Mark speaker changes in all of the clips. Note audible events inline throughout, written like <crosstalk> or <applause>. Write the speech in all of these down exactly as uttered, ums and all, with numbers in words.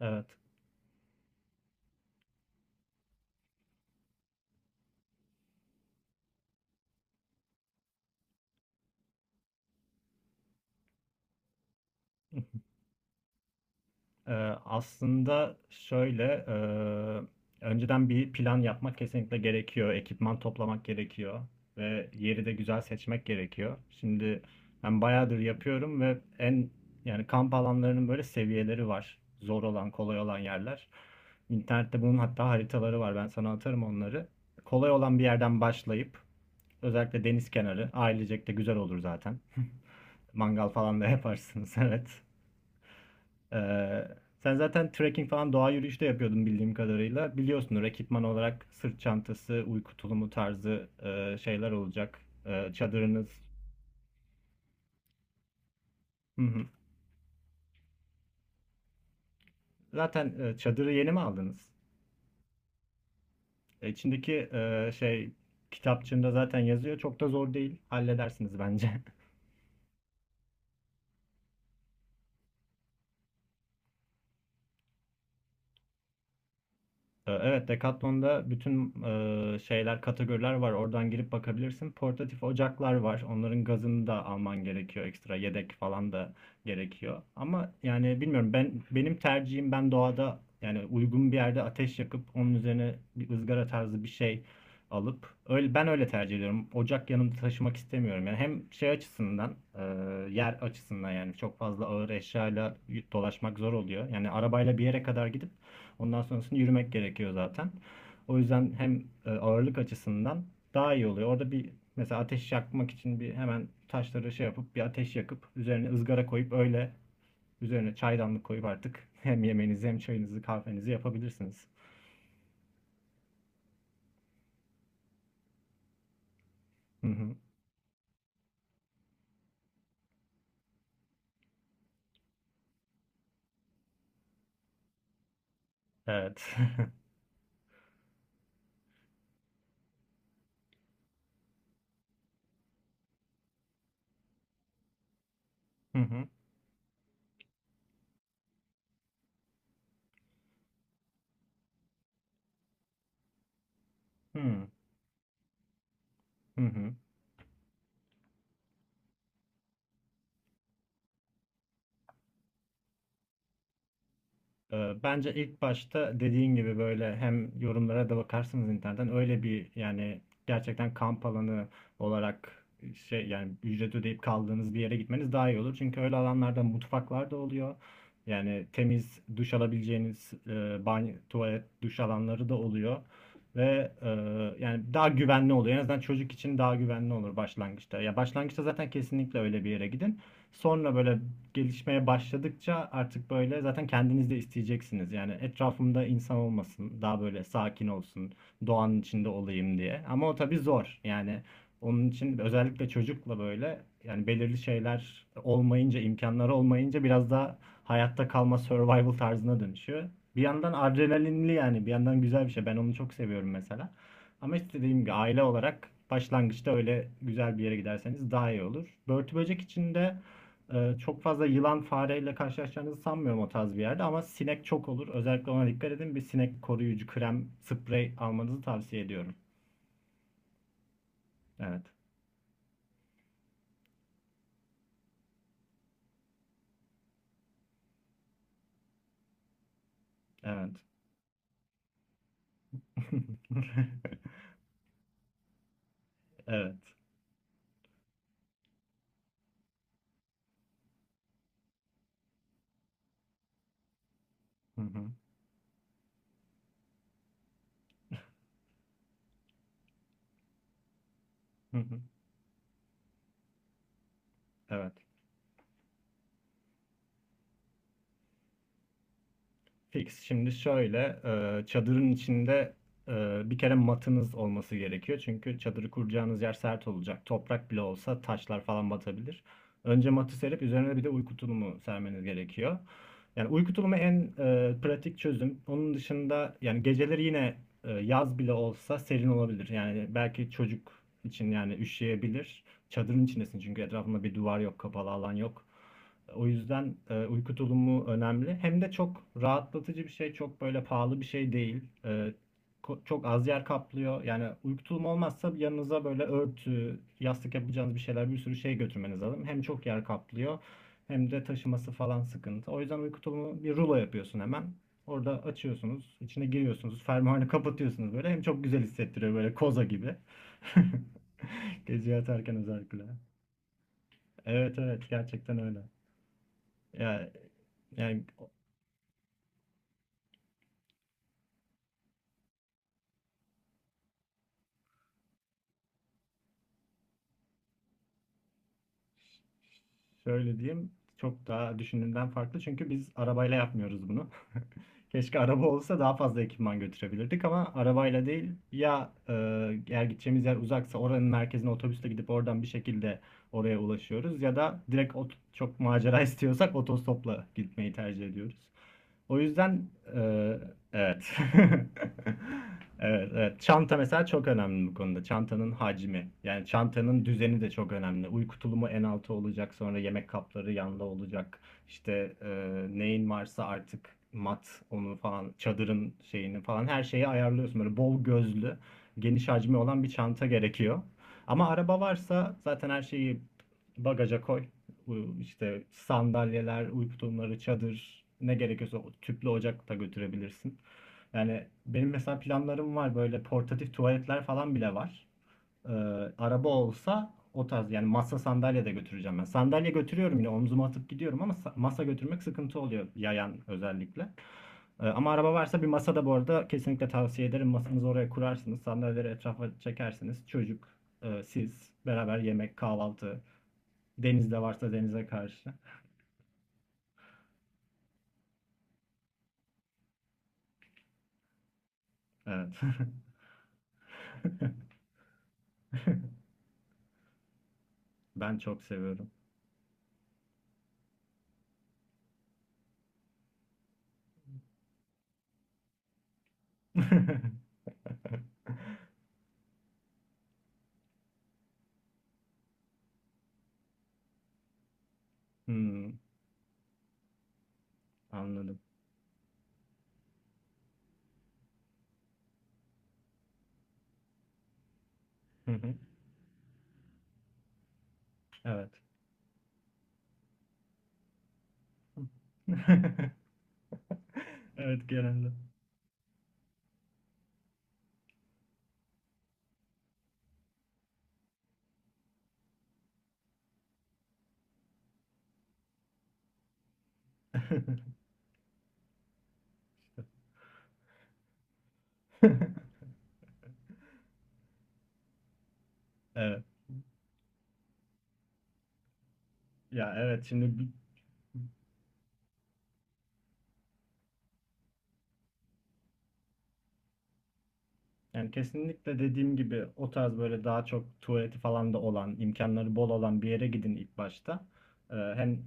Speaker 1: Evet. <laughs> Ee, aslında şöyle, e, önceden bir plan yapmak kesinlikle gerekiyor. Ekipman toplamak gerekiyor ve yeri de güzel seçmek gerekiyor. Şimdi ben bayağıdır yapıyorum ve en yani kamp alanlarının böyle seviyeleri var. Zor olan, kolay olan yerler. İnternette bunun hatta haritaları var. Ben sana atarım onları. Kolay olan bir yerden başlayıp özellikle deniz kenarı ailecek de güzel olur zaten. Mangal falan da yaparsınız, <laughs> evet. Ee, sen zaten trekking falan doğa yürüyüşü de yapıyordun bildiğim kadarıyla. Biliyorsunuz ekipman olarak sırt çantası, uyku tulumu tarzı e, şeyler olacak. E, çadırınız. Hı hı. Zaten e, çadırı yeni mi aldınız? E, İçindeki e, şey kitapçığında zaten yazıyor. Çok da zor değil. Halledersiniz bence. <laughs> Ee, Evet, Decathlon'da bütün e, şeyler, kategoriler var. Oradan girip bakabilirsin. Portatif ocaklar var. Onların gazını da alman gerekiyor. Ekstra yedek falan da gerekiyor. Ama yani bilmiyorum ben benim tercihim ben doğada yani uygun bir yerde ateş yakıp onun üzerine bir ızgara tarzı bir şey alıp öyle ben öyle tercih ediyorum. Ocak yanımda taşımak istemiyorum. Yani hem şey açısından, e, yer açısından yani çok fazla ağır eşyayla dolaşmak zor oluyor. Yani arabayla bir yere kadar gidip ondan sonrasında yürümek gerekiyor zaten. O yüzden hem e, ağırlık açısından daha iyi oluyor. Orada bir mesela ateş yakmak için bir hemen taşları şey yapıp bir ateş yakıp üzerine ızgara koyup öyle üzerine çaydanlık koyup artık <laughs> hem yemeğinizi hem çayınızı kahvenizi yapabilirsiniz. Hı hı. Evet. <laughs> Hı hı. Hı hı. Hı hı. Ee, bence ilk başta dediğin gibi böyle hem yorumlara da bakarsınız internetten öyle bir yani gerçekten kamp alanı olarak şey yani ücret ödeyip kaldığınız bir yere gitmeniz daha iyi olur. Çünkü öyle alanlarda mutfaklar da oluyor. Yani temiz duş alabileceğiniz e, banyo, tuvalet, duş alanları da oluyor. Ve e, yani daha güvenli oluyor. En azından çocuk için daha güvenli olur başlangıçta. Ya başlangıçta zaten kesinlikle öyle bir yere gidin. Sonra böyle gelişmeye başladıkça artık böyle zaten kendiniz de isteyeceksiniz. Yani etrafımda insan olmasın, daha böyle sakin olsun, doğanın içinde olayım diye. Ama o tabii zor. Yani onun için özellikle çocukla böyle yani belirli şeyler olmayınca, imkanları olmayınca biraz daha hayatta kalma survival tarzına dönüşüyor. Bir yandan adrenalinli yani bir yandan güzel bir şey. Ben onu çok seviyorum mesela. Ama işte dediğim gibi aile olarak başlangıçta öyle güzel bir yere giderseniz daha iyi olur. Börtü böcek için de ee, çok fazla yılan fareyle karşılaşacağınızı sanmıyorum o tarz bir yerde ama sinek çok olur. Özellikle ona dikkat edin. Bir sinek koruyucu krem, sprey almanızı tavsiye ediyorum. Evet. Evet. <laughs> Evet. Hı hı. Hı hı. Evet. Fix. Şimdi şöyle e, çadırın içinde e, bir kere matınız olması gerekiyor. Çünkü çadırı kuracağınız yer sert olacak. Toprak bile olsa taşlar falan batabilir. Önce matı serip üzerine bir de uyku tulumu sermeniz gerekiyor. Yani uyku tulumu en e, pratik çözüm. Onun dışında yani geceleri yine e, yaz bile olsa serin olabilir. Yani belki çocuk için yani üşüyebilir. Çadırın içindesin çünkü etrafında bir duvar yok, kapalı alan yok. O yüzden e, uyku tulumu önemli. Hem de çok rahatlatıcı bir şey, çok böyle pahalı bir şey değil. E, çok az yer kaplıyor. Yani uyku tulumu olmazsa yanınıza böyle örtü, yastık yapacağınız bir şeyler, bir sürü şey götürmeniz lazım. Hem çok yer kaplıyor, hem de taşıması falan sıkıntı. O yüzden uyku tulumu bir rulo yapıyorsun hemen. Orada açıyorsunuz, içine giriyorsunuz, fermuarını <laughs> kapatıyorsunuz böyle. Hem çok güzel hissettiriyor böyle koza gibi. <laughs> Gece yatarken özellikle. Evet evet gerçekten öyle. Yani, yani şöyle diyeyim, çok daha düşündüğümden farklı çünkü biz arabayla yapmıyoruz bunu. <laughs> Keşke araba olsa daha fazla ekipman götürebilirdik ama arabayla değil ya, e, eğer gideceğimiz yer uzaksa oranın merkezine otobüsle gidip oradan bir şekilde oraya ulaşıyoruz ya da direkt ot- çok macera <laughs> istiyorsak otostopla gitmeyi tercih ediyoruz. O yüzden eee, evet. <laughs> Evet, evet. Çanta mesela çok önemli bu konuda. Çantanın hacmi. Yani çantanın düzeni de çok önemli. Uyku tulumu en altı olacak. Sonra yemek kapları yanda olacak. İşte eee, neyin varsa artık mat onu falan çadırın şeyini falan her şeyi ayarlıyorsun. Böyle bol gözlü geniş hacmi olan bir çanta gerekiyor. Ama araba varsa zaten her şeyi bagaja koy. Bu işte sandalyeler, uyku tulumları, çadır ne gerekiyorsa o tüplü ocak da götürebilirsin. Yani benim mesela planlarım var böyle portatif tuvaletler falan bile var. Ee, araba olsa o tarz yani masa sandalye de götüreceğim ben. Sandalye götürüyorum yine omzuma atıp gidiyorum ama sa- masa götürmek sıkıntı oluyor yayan özellikle. Ee, ama araba varsa bir masa da bu arada kesinlikle tavsiye ederim. Masanızı oraya kurarsınız, sandalyeleri etrafa çekersiniz. Çocuk, e, siz beraber yemek, kahvaltı. Denizde varsa denize karşı. Evet. <laughs> Ben çok seviyorum. <laughs> Hmm, anladım. <laughs> Evet. <laughs> Evet genelde. <laughs> Evet. Ya evet şimdi. Yani kesinlikle dediğim gibi o tarz böyle daha çok tuvaleti falan da olan, imkanları bol olan bir yere gidin ilk başta. Ee, hem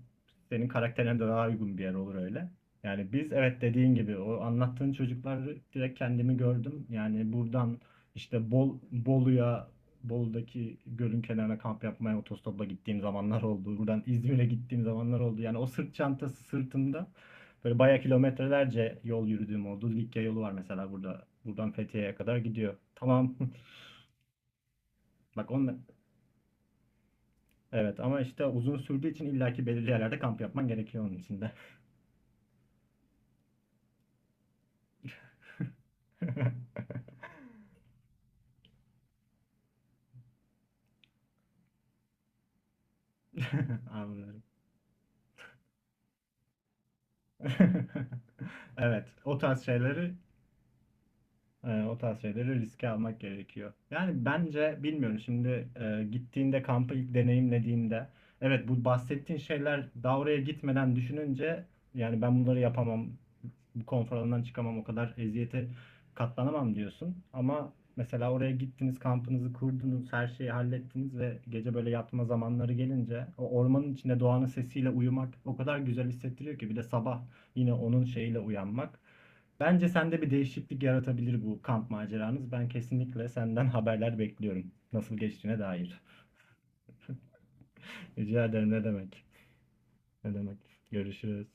Speaker 1: senin karakterine de daha uygun bir yer olur öyle. Yani biz evet dediğin gibi o anlattığın çocukları direkt kendimi gördüm. Yani buradan işte Bol, Bolu'ya, Bolu'daki gölün kenarına kamp yapmaya otostopla gittiğim zamanlar oldu. Buradan İzmir'e gittiğim zamanlar oldu. Yani o sırt çantası sırtında böyle bayağı kilometrelerce yol yürüdüğüm oldu. Likya yolu var mesela burada. Buradan Fethiye'ye kadar gidiyor. Tamam. <laughs> Bak on Evet ama işte uzun sürdüğü için illaki belirli yerlerde kamp yapman gerekiyor onun içinde. <laughs> Anlıyorum. <laughs> Evet, o tarz şeyleri e, o tarz şeyleri riske almak gerekiyor. Yani bence bilmiyorum şimdi e, gittiğinde kampı ilk deneyimlediğinde evet bu bahsettiğin şeyler daha oraya gitmeden düşününce yani ben bunları yapamam, konfor alanından çıkamam, o kadar eziyete katlanamam diyorsun. Ama mesela oraya gittiniz, kampınızı kurdunuz, her şeyi hallettiniz ve gece böyle yatma zamanları gelince o ormanın içinde doğanın sesiyle uyumak o kadar güzel hissettiriyor ki bir de sabah yine onun şeyiyle uyanmak. Bence sende bir değişiklik yaratabilir bu kamp maceranız. Ben kesinlikle senden <laughs> haberler bekliyorum. Nasıl geçtiğine dair. Rica ederim, ne demek. Ne demek. Görüşürüz.